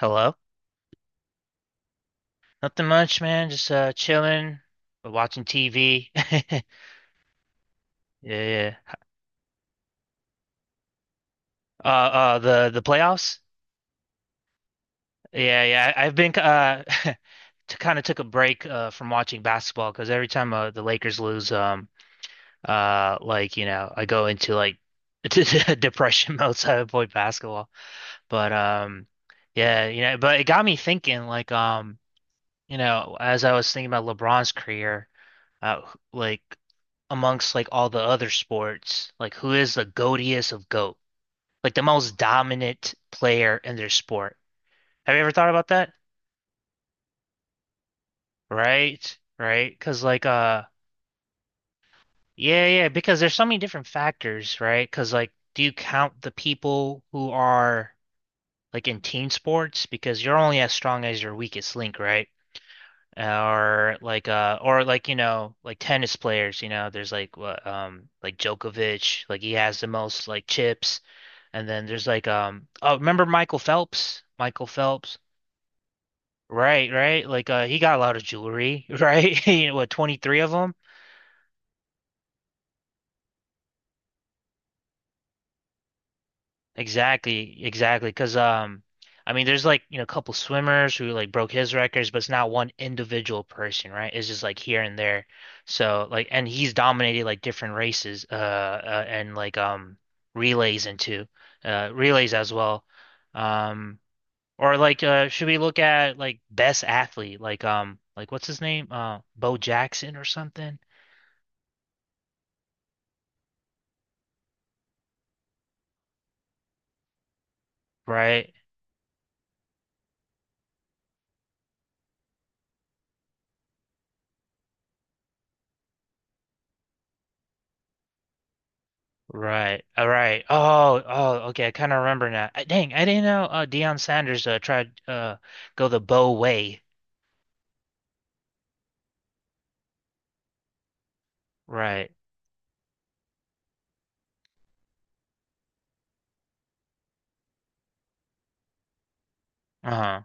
Hello? Nothing much, man. Just chilling, watching TV. Yeah, yeah. The playoffs? Yeah, yeah. I've been to kind of took a break from watching basketball because every time the Lakers lose like, you know, I go into like depression mode, so I avoid basketball. But yeah, you know, but it got me thinking like you know, as I was thinking about LeBron's career, uh, like amongst like all the other sports, like who is the goatiest of goat? Like the most dominant player in their sport. Have you ever thought about that? Right? Right, because like yeah, yeah, because there's so many different factors, right? Because like do you count the people who are like in team sports, because you're only as strong as your weakest link, right? Or like you know, like tennis players, you know, there's like, what, like Djokovic, like he has the most like chips. And then there's like oh, remember Michael Phelps, right, right, he got a lot of jewelry, right, you know, what, 23 of them? Exactly, exactly. Because, I mean, there's like, you know, a couple swimmers who like broke his records, but it's not one individual person, right? It's just like here and there. So like, and he's dominated like different races, and like relays and too, relays as well. Um, or should we look at like best athlete, like, like, what's his name, Bo Jackson or something, right? Right. All right. Oh, oh, okay. I kind of remember now. Dang, I didn't know Deion Sanders tried go the Bow way. Right. Uh-huh.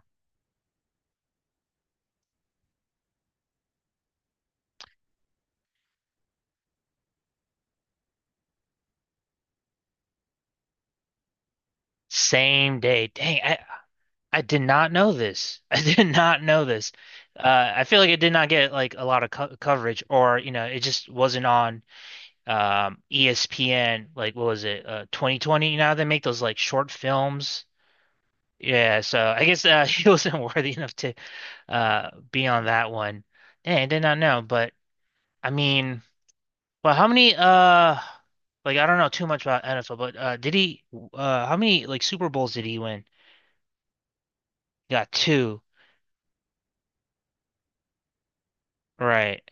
Same day. Dang, I did not know this. I did not know this. I feel like it did not get like a lot of co coverage or, you know, it just wasn't on ESPN. Like what was it? 2020. You know how they make those like short films. Yeah, so I guess, he wasn't worthy enough to be on that one. Dang, I did not know, but I mean, well, how many, like, I don't know too much about NFL, but did he, how many like Super Bowls did he win? He got two. Right,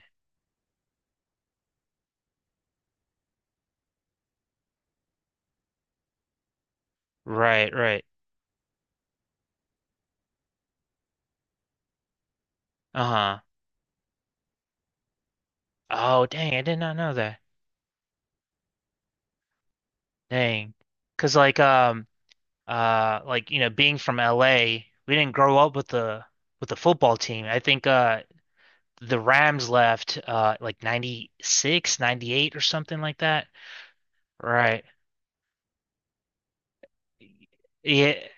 right, right. Uh-huh. Oh, dang, I did not know that. Dang, because like like, you know, being from LA, we didn't grow up with the football team. I think the Rams left like '96, '98, or something like that. Right. Yeah.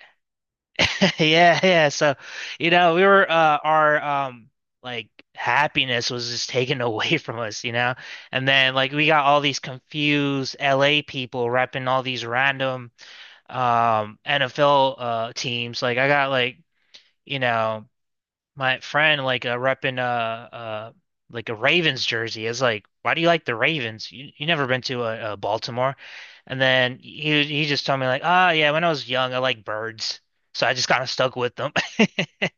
Yeah, yeah. So, you know, we were, our, like, happiness was just taken away from us, you know? And then like we got all these confused LA people repping all these random, NFL teams. Like I got, like, you know, my friend, like, repping, uh, like, a Ravens jersey, is like, why do you like the Ravens? You never been to, Baltimore? And then he just told me like, ah, yeah, when I was young, I liked birds, so I just kind of stuck with them.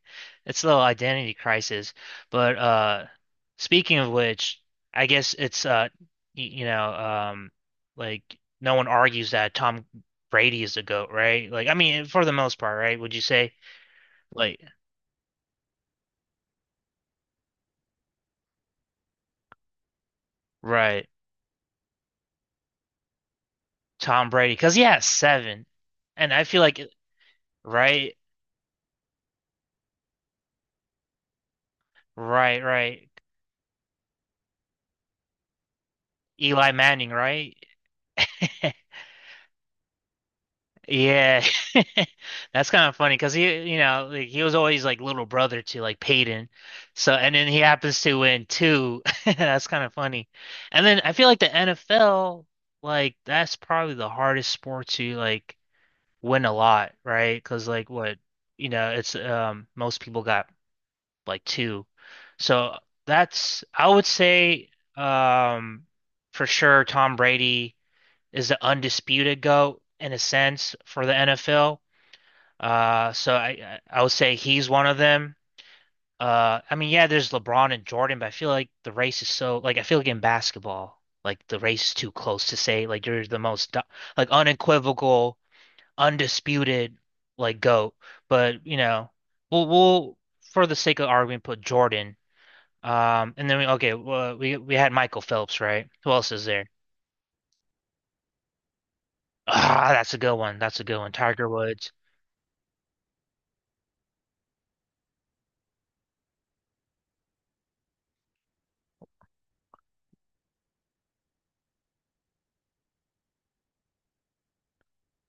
It's a little identity crisis, but, speaking of which, I guess it's, y you know, like, no one argues that Tom Brady is the GOAT, right? Like, I mean, for the most part, right? Would you say? Like, right. Tom Brady, because he has seven, and I feel like right, right, right. Eli Manning, right? Yeah, that's kind of funny, because he, you know, like, he was always like little brother to like Peyton, so and then he happens to win two. That's kind of funny, and then I feel like the NFL, like, that's probably the hardest sport to, like, win a lot, right? Because, like, what, you know, it's, most people got like two. So that's, I would say, um for sure Tom Brady is the undisputed GOAT in a sense for the NFL. So I would say he's one of them. I mean, yeah, there's LeBron and Jordan, but I feel like the race is so, like, I feel like in basketball, like, the race is too close to say, like, you're the most like unequivocal, undisputed, like, GOAT, but, you know, we'll for the sake of argument put Jordan. And then we, okay, well, we had Michael Phelps, right? Who else is there? Ah, that's a good one. That's a good one. Tiger Woods.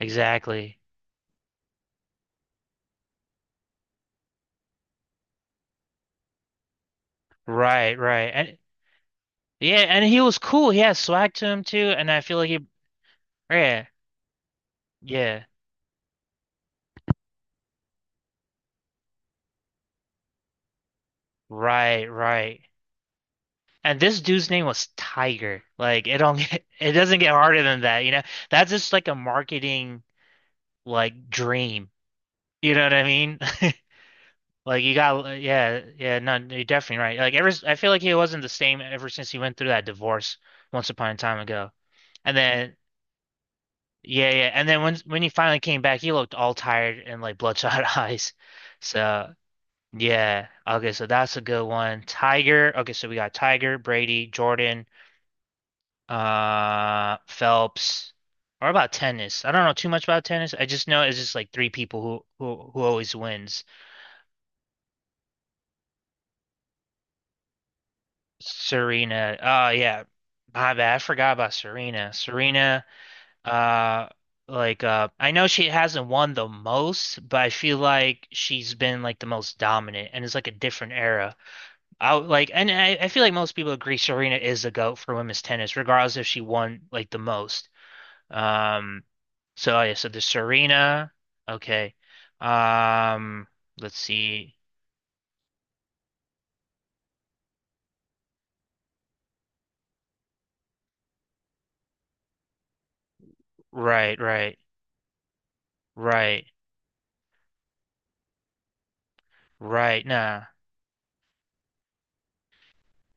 Exactly. Right, right. And yeah, and he was cool. He had swag to him too, and I feel like he, yeah, yeah. Right, right. And this dude's name was Tiger. Like it don't get, it doesn't get harder than that, you know? That's just like a marketing like dream. You know what I mean? Like you got, yeah, yeah, no, you're definitely right. Like ever, I feel like he wasn't the same ever since he went through that divorce once upon a time ago. And then, yeah, yeah, and then when he finally came back, he looked all tired and like bloodshot eyes. So yeah, okay, so that's a good one. Tiger, okay, so we got Tiger, Brady, Jordan, Phelps. Or about tennis. I don't know too much about tennis. I just know it's just like three people who always wins. Serena. Oh yeah. My bad. I forgot about Serena. Serena, uh I know she hasn't won the most, but I feel like she's been like the most dominant, and it's like a different era. Like, and I feel like most people agree Serena is the GOAT for women's tennis, regardless if she won like the most. Um so, oh, yeah, so the Serena, okay. Um let's see. Right, right, right, right, nah.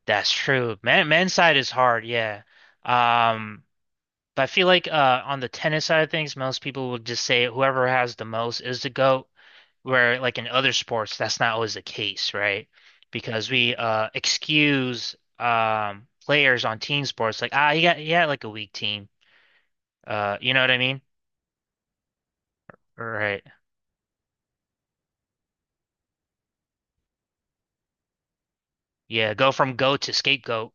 That's true. Man, men's side is hard, yeah. Um, but I feel like on the tennis side of things, most people would just say whoever has the most is the GOAT, where like in other sports, that's not always the case, right? Because we, excuse, players on team sports, like, ah, he had like a weak team. You know what I mean? Right. Yeah, go from GOAT to scapegoat.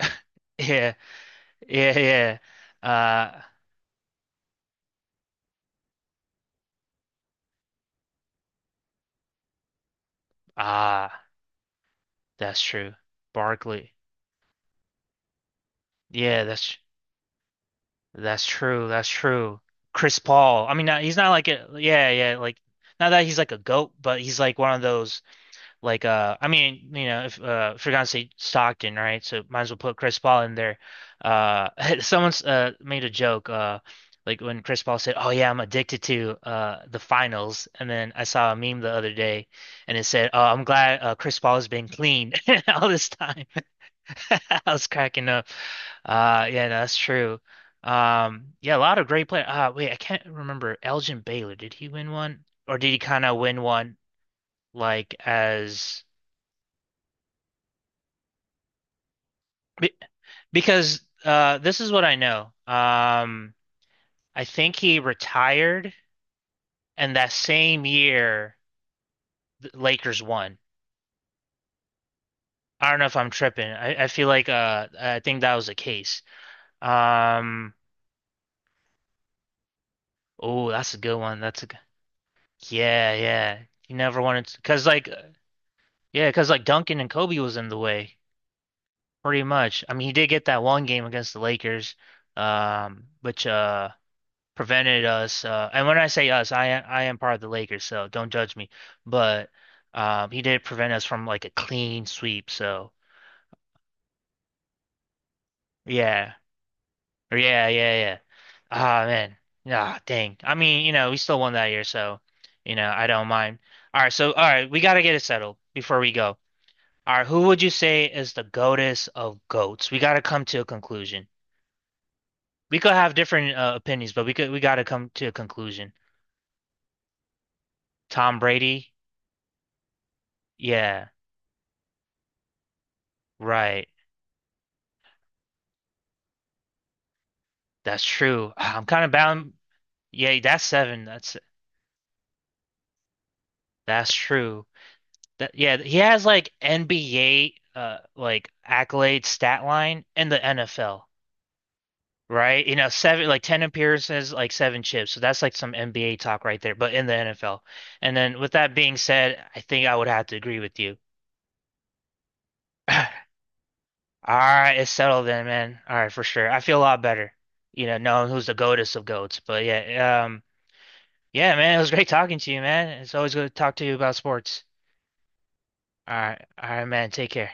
Yeah, yeah, yeah. Uh ah, that's true. Barkley. Yeah, That's true. Chris Paul. I mean, not, he's not like a, yeah, yeah, like, not that he's like a goat, but he's like one of those, I mean, you know, if you're gonna say Stockton, right? So might as well put Chris Paul in there. Uh Someone's made a joke, like, when Chris Paul said, "Oh yeah, I'm addicted to the finals." And then I saw a meme the other day, and it said, "Oh, I'm glad, Chris Paul has been clean all this time." I was cracking up. Yeah, no, that's true. Yeah, a lot of great players. Wait, I can't remember. Elgin Baylor, did he win one? Or did he kind of win one, like, be- because this is what I know. I think he retired, and that same year the Lakers won. I don't know if I'm tripping. I feel like, I think that was the case. Um, oh, that's a good one. That's a yeah, yeah. He never wanted to because like, yeah, because like Duncan and Kobe was in the way pretty much. I mean, he did get that one game against the Lakers, which prevented us. And when I say us, I am part of the Lakers, so don't judge me. But, he did prevent us from, like, a clean sweep. So yeah, yeah, yeah, yeah. Ah man, ah dang. I mean, you know, we still won that year, so you know, I don't mind. All right, so all right, we got to get it settled before we go. All right, who would you say is the goatess of goats? We got to come to a conclusion. We could have different, opinions, but we got to come to a conclusion. Tom Brady? Yeah, right. That's true. I'm kind of bound. Yeah, that's seven. That's true. That, yeah, he has like NBA, like, accolade stat line in the NFL. Right? You know, seven, like, 10 appearances, like seven chips. So that's like some NBA talk right there, but in the NFL. And then with that being said, I think I would have to agree with you. All right, it's settled then, man. All right, for sure. I feel a lot better, you know, knowing who's the goatess of goats. But yeah, yeah, man, it was great talking to you, man. It's always good to talk to you about sports. All right, man. Take care.